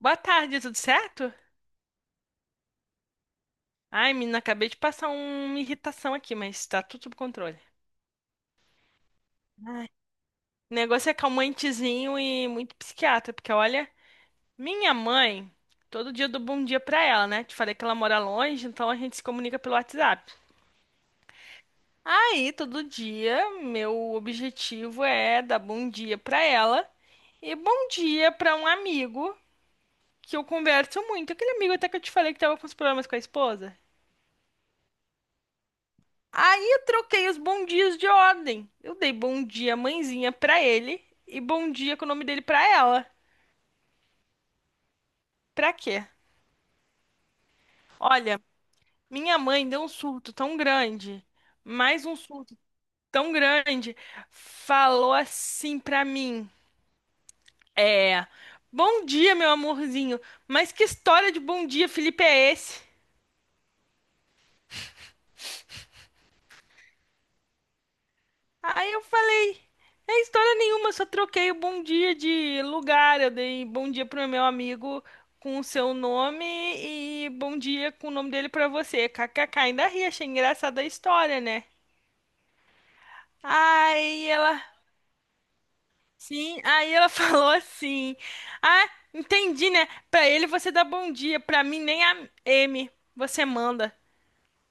Boa tarde, tudo certo? Ai, menina, acabei de passar uma irritação aqui, mas tá tudo sob controle. Ai, o negócio é calmantezinho e muito psiquiatra, porque olha, minha mãe, todo dia eu dou bom dia pra ela, né? Te falei que ela mora longe, então a gente se comunica pelo WhatsApp. Aí, todo dia, meu objetivo é dar bom dia pra ela e bom dia pra um amigo que eu converso muito. Aquele amigo até que eu te falei que tava com os problemas com a esposa. Aí eu troquei os bom dias de ordem. Eu dei bom dia, mãezinha, pra ele e bom dia com o nome dele pra ela. Pra quê? Olha, minha mãe deu um surto tão grande, mais um surto tão grande, falou assim pra mim: É, bom dia, meu amorzinho, mas que história de bom dia, Felipe, é esse? Aí eu falei. É história nenhuma, só troquei o bom dia de lugar. Eu dei bom dia pro meu amigo com o seu nome e bom dia com o nome dele pra você. KKK, ainda ri, achei engraçada a história, né? Aí ela, sim, aí ela falou assim: Ah, entendi, né? Pra ele você dá bom dia, pra mim nem a M, você manda.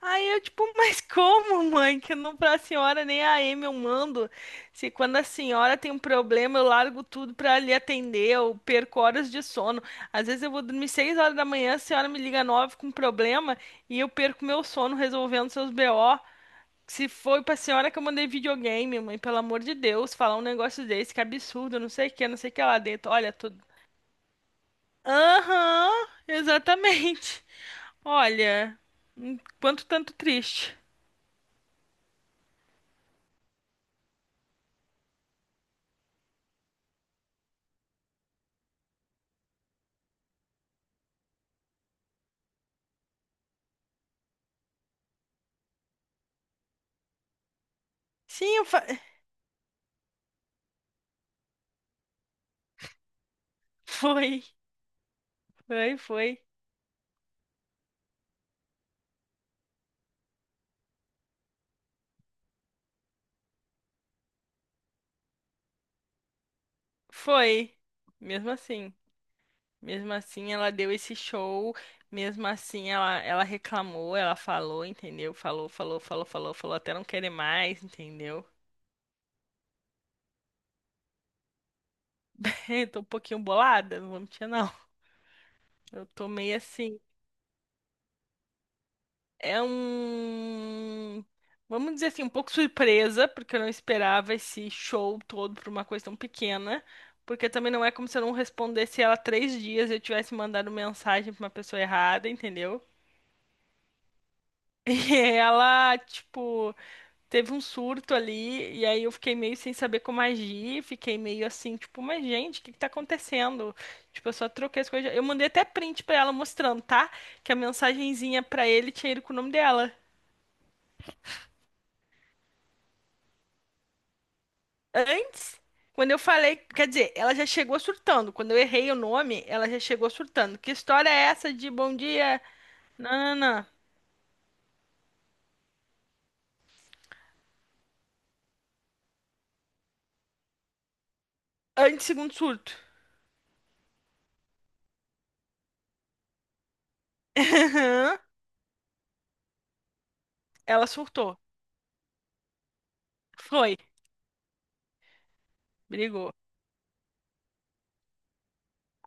Aí eu, tipo, mas como, mãe? Que não pra senhora nem a Amy eu mando. Se quando a senhora tem um problema, eu largo tudo pra lhe atender, eu perco horas de sono. Às vezes eu vou dormir seis horas da manhã, a senhora me liga nove com problema e eu perco meu sono resolvendo seus BO. Se foi pra senhora que eu mandei videogame, mãe, pelo amor de Deus, falar um negócio desse, que absurdo, não sei o que, não sei o que lá dentro. Olha, tudo. Aham, exatamente. Olha, um quanto tanto triste. Sim, foi, foi, foi, foi. Mesmo assim, mesmo assim ela deu esse show, mesmo assim ela reclamou, ela falou, entendeu? Falou, falou, falou, falou, falou até não querer mais, entendeu? Eu tô um pouquinho bolada, não vou mentir não. Eu tô meio assim. É um, vamos dizer assim, um pouco surpresa, porque eu não esperava esse show todo por uma coisa tão pequena. Porque também não é como se eu não respondesse ela três dias e eu tivesse mandado mensagem pra uma pessoa errada, entendeu? E ela, tipo, teve um surto ali, e aí eu fiquei meio sem saber como agir, fiquei meio assim, tipo, mas gente, o que que tá acontecendo? Tipo, eu só troquei as coisas. Eu mandei até print pra ela mostrando, tá? Que a mensagenzinha pra ele tinha ido com o nome dela. Antes, quando eu falei, quer dizer, ela já chegou surtando. Quando eu errei o nome, ela já chegou surtando. Que história é essa de bom dia? Não, não, não. Antes, segundo surto. Ela surtou. Foi, brigou.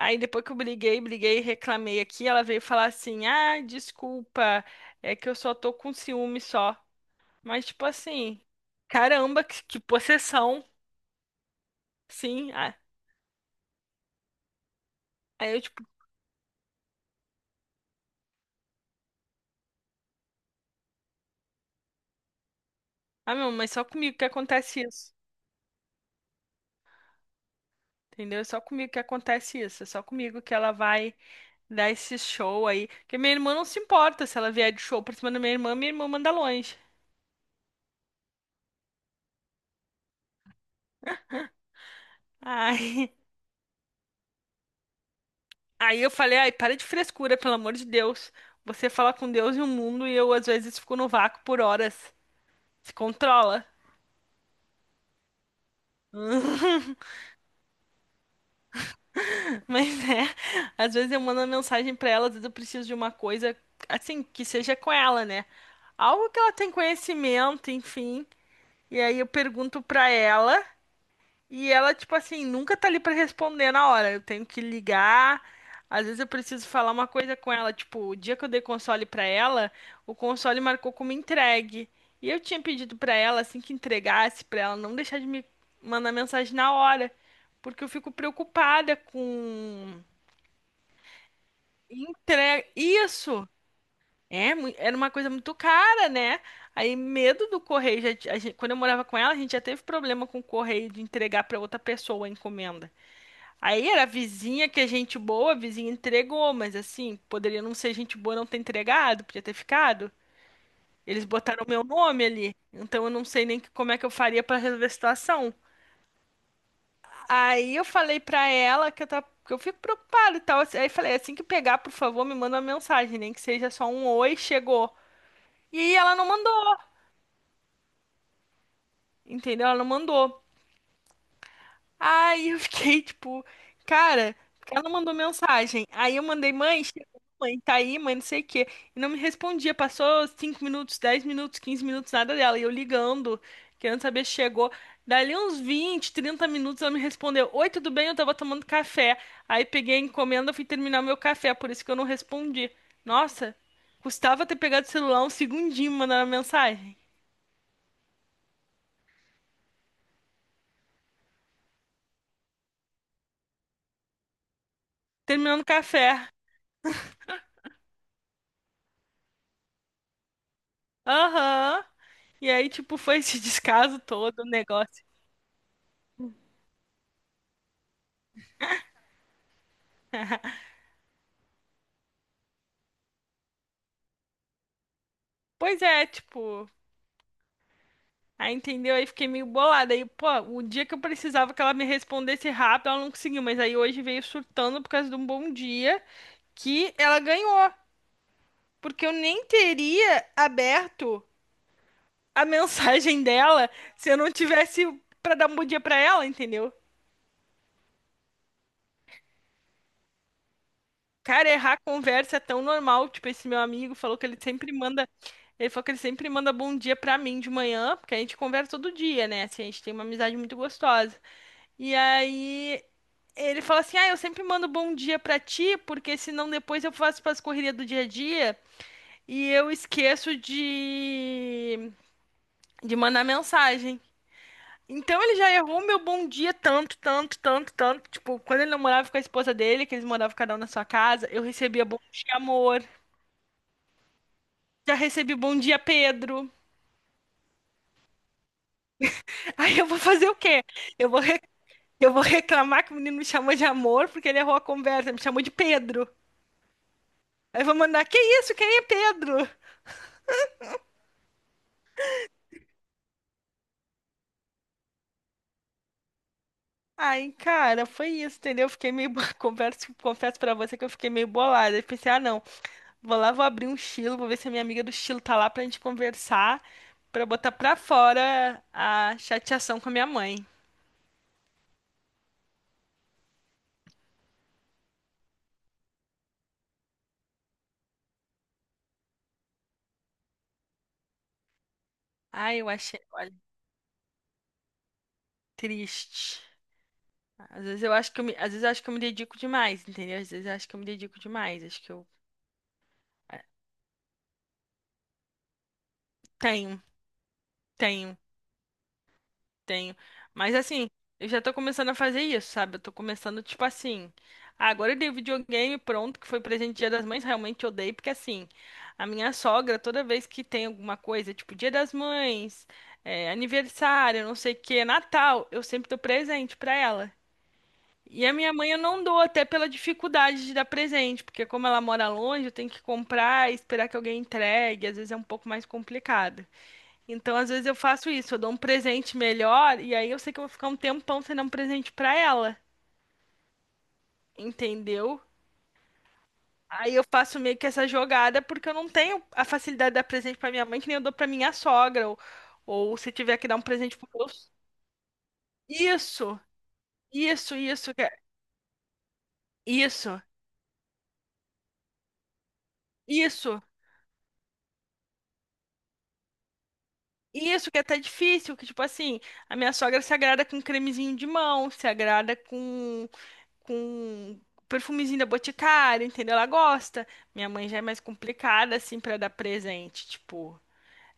Aí depois que eu briguei, briguei, reclamei aqui, ela veio falar assim: "Ah, desculpa, é que eu só tô com ciúme só." Mas tipo assim, caramba, que possessão. Sim. Ah, aí eu tipo, ah, meu, mas só comigo que acontece isso. Entendeu? É só comigo que acontece isso. É só comigo que ela vai dar esse show aí. Porque minha irmã não se importa se ela vier de show pra cima da minha irmã manda longe. Ai, aí eu falei, ai, para de frescura, pelo amor de Deus. Você fala com Deus e o mundo e eu às vezes fico no vácuo por horas. Se controla. Mas é, às vezes eu mando uma mensagem pra ela, às vezes eu preciso de uma coisa assim, que seja com ela, né? Algo que ela tem conhecimento, enfim. E aí eu pergunto pra ela. E ela, tipo assim, nunca tá ali pra responder na hora. Eu tenho que ligar. Às vezes eu preciso falar uma coisa com ela. Tipo, o dia que eu dei console pra ela, o console marcou como entregue. E eu tinha pedido pra ela, assim que entregasse, pra ela não deixar de me mandar mensagem na hora. Porque eu fico preocupada com entrega. Isso! É, era uma coisa muito cara, né? Aí, medo do correio. Já, quando eu morava com ela, a gente já teve problema com o correio de entregar pra outra pessoa a encomenda. Aí era a vizinha que é gente boa, a vizinha entregou, mas assim, poderia não ser gente boa não ter entregado, podia ter ficado. Eles botaram meu nome ali, então eu não sei nem como é que eu faria pra resolver a situação. Aí eu falei pra ela que eu, tava, que eu fico preocupada e tal. Assim, aí falei, assim que pegar, por favor, me manda uma mensagem, nem que seja só um oi, chegou. E ela não mandou, entendeu? Ela não mandou. Aí eu fiquei tipo, cara, ela mandou mensagem. Aí eu mandei, mãe, chegou, mãe, tá aí, mãe, não sei o quê. E não me respondia. Passou 5 minutos, 10 minutos, 15 minutos, nada dela. E eu ligando, querendo saber se chegou. Dali uns 20, 30 minutos ela me respondeu: Oi, tudo bem? Eu tava tomando café. Aí peguei a encomenda, fui terminar meu café, por isso que eu não respondi. Nossa, custava ter pegado o celular um segundinho e mandando a mensagem. Terminando o café. Aham. E aí, tipo, foi esse descaso todo, o negócio. Pois é, tipo, aí entendeu? Aí fiquei meio bolada. Aí, pô, o dia que eu precisava que ela me respondesse rápido, ela não conseguiu. Mas aí hoje veio surtando por causa de um bom dia que ela ganhou. Porque eu nem teria aberto a mensagem dela se eu não tivesse pra dar um bom dia pra ela, entendeu? Cara, errar conversa é tão normal. Tipo, esse meu amigo falou que ele sempre manda. Ele falou que ele sempre manda bom dia pra mim de manhã, porque a gente conversa todo dia, né? Assim, a gente tem uma amizade muito gostosa. E aí ele fala assim: Ah, eu sempre mando bom dia pra ti, porque senão depois eu faço pras correrias do dia a dia e eu esqueço de mandar mensagem. Então ele já errou meu bom dia tanto, tanto, tanto, tanto. Tipo, quando ele namorava com a esposa dele, que eles moravam cada um na sua casa, eu recebia bom dia, amor. Já recebi bom dia, Pedro. Aí eu vou fazer o quê? Eu vou, re- eu vou reclamar que o menino me chamou de amor porque ele errou a conversa, me chamou de Pedro. Aí eu vou mandar, que isso? Quem é Pedro? Aí, cara, foi isso, entendeu? Eu fiquei meio, confesso pra você que eu fiquei meio bolada. Eu pensei, ah, não, vou lá, vou abrir um estilo, vou ver se a minha amiga do estilo tá lá pra gente conversar, pra botar pra fora a chateação com a minha mãe. Ai, eu achei, olha, triste. Às vezes eu acho que eu me, às vezes eu acho que eu me dedico demais, entendeu? Às vezes eu acho que eu me dedico demais, acho que eu é, tenho, tenho, tenho. Mas assim, eu já tô começando a fazer isso, sabe? Eu tô começando tipo assim, ah, agora eu dei o videogame pronto, que foi presente Dia das Mães, realmente eu dei, porque assim, a minha sogra toda vez que tem alguma coisa, tipo Dia das Mães, é, aniversário, não sei o que, Natal, eu sempre tô presente pra ela. E a minha mãe eu não dou, até pela dificuldade de dar presente, porque como ela mora longe, eu tenho que comprar e esperar que alguém entregue, às vezes é um pouco mais complicado. Então, às vezes eu faço isso, eu dou um presente melhor e aí eu sei que eu vou ficar um tempão sem dar um presente pra ela, entendeu? Aí eu faço meio que essa jogada porque eu não tenho a facilidade de dar presente pra minha mãe, que nem eu dou pra minha sogra, ou se tiver que dar um presente pro meu... Isso, isso, isso, isso. Isso que é até difícil, que tipo assim, a minha sogra se agrada com cremezinho de mão, se agrada com com perfumezinho da Boticário, entendeu? Ela gosta. Minha mãe já é mais complicada assim pra dar presente, tipo,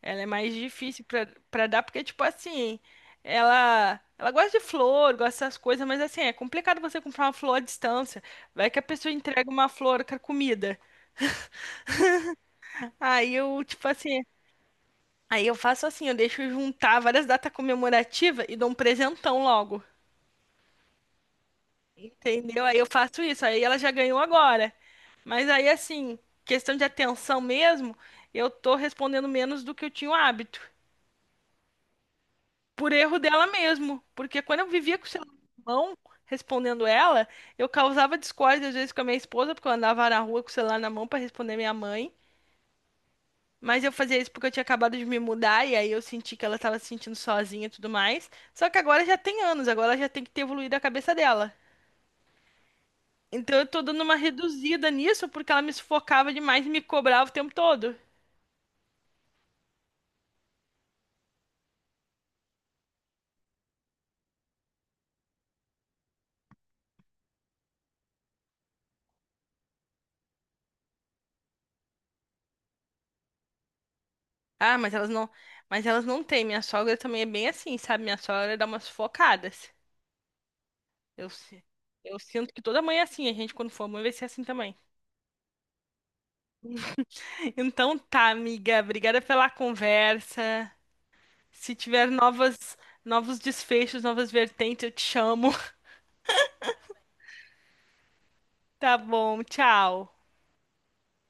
ela é mais difícil pra para dar porque tipo assim, ela gosta de flor, gosta dessas coisas, mas assim, é complicado você comprar uma flor à distância. Vai que a pessoa entrega uma flor carcomida. Aí eu, tipo assim, aí eu faço assim, eu deixo juntar várias datas comemorativas e dou um presentão logo, entendeu? Aí eu faço isso, aí ela já ganhou agora. Mas aí assim, questão de atenção mesmo, eu tô respondendo menos do que eu tinha o hábito, por erro dela mesmo, porque quando eu vivia com o celular na mão, respondendo ela, eu causava discórdia às vezes com a minha esposa, porque eu andava na rua com o celular na mão para responder minha mãe. Mas eu fazia isso porque eu tinha acabado de me mudar e aí eu senti que ela tava se sentindo sozinha e tudo mais. Só que agora já tem anos, agora ela já tem que ter evoluído a cabeça dela. Então eu tô dando uma reduzida nisso porque ela me sufocava demais e me cobrava o tempo todo. Ah, mas elas não têm. Minha sogra também é bem assim, sabe? Minha sogra dá umas sufocadas. Eu, si- eu sinto que toda mãe é assim, a gente quando for mãe vai ser assim também. Então tá, amiga, obrigada pela conversa. Se tiver novos desfechos, novas vertentes, eu te chamo. Tá bom, tchau.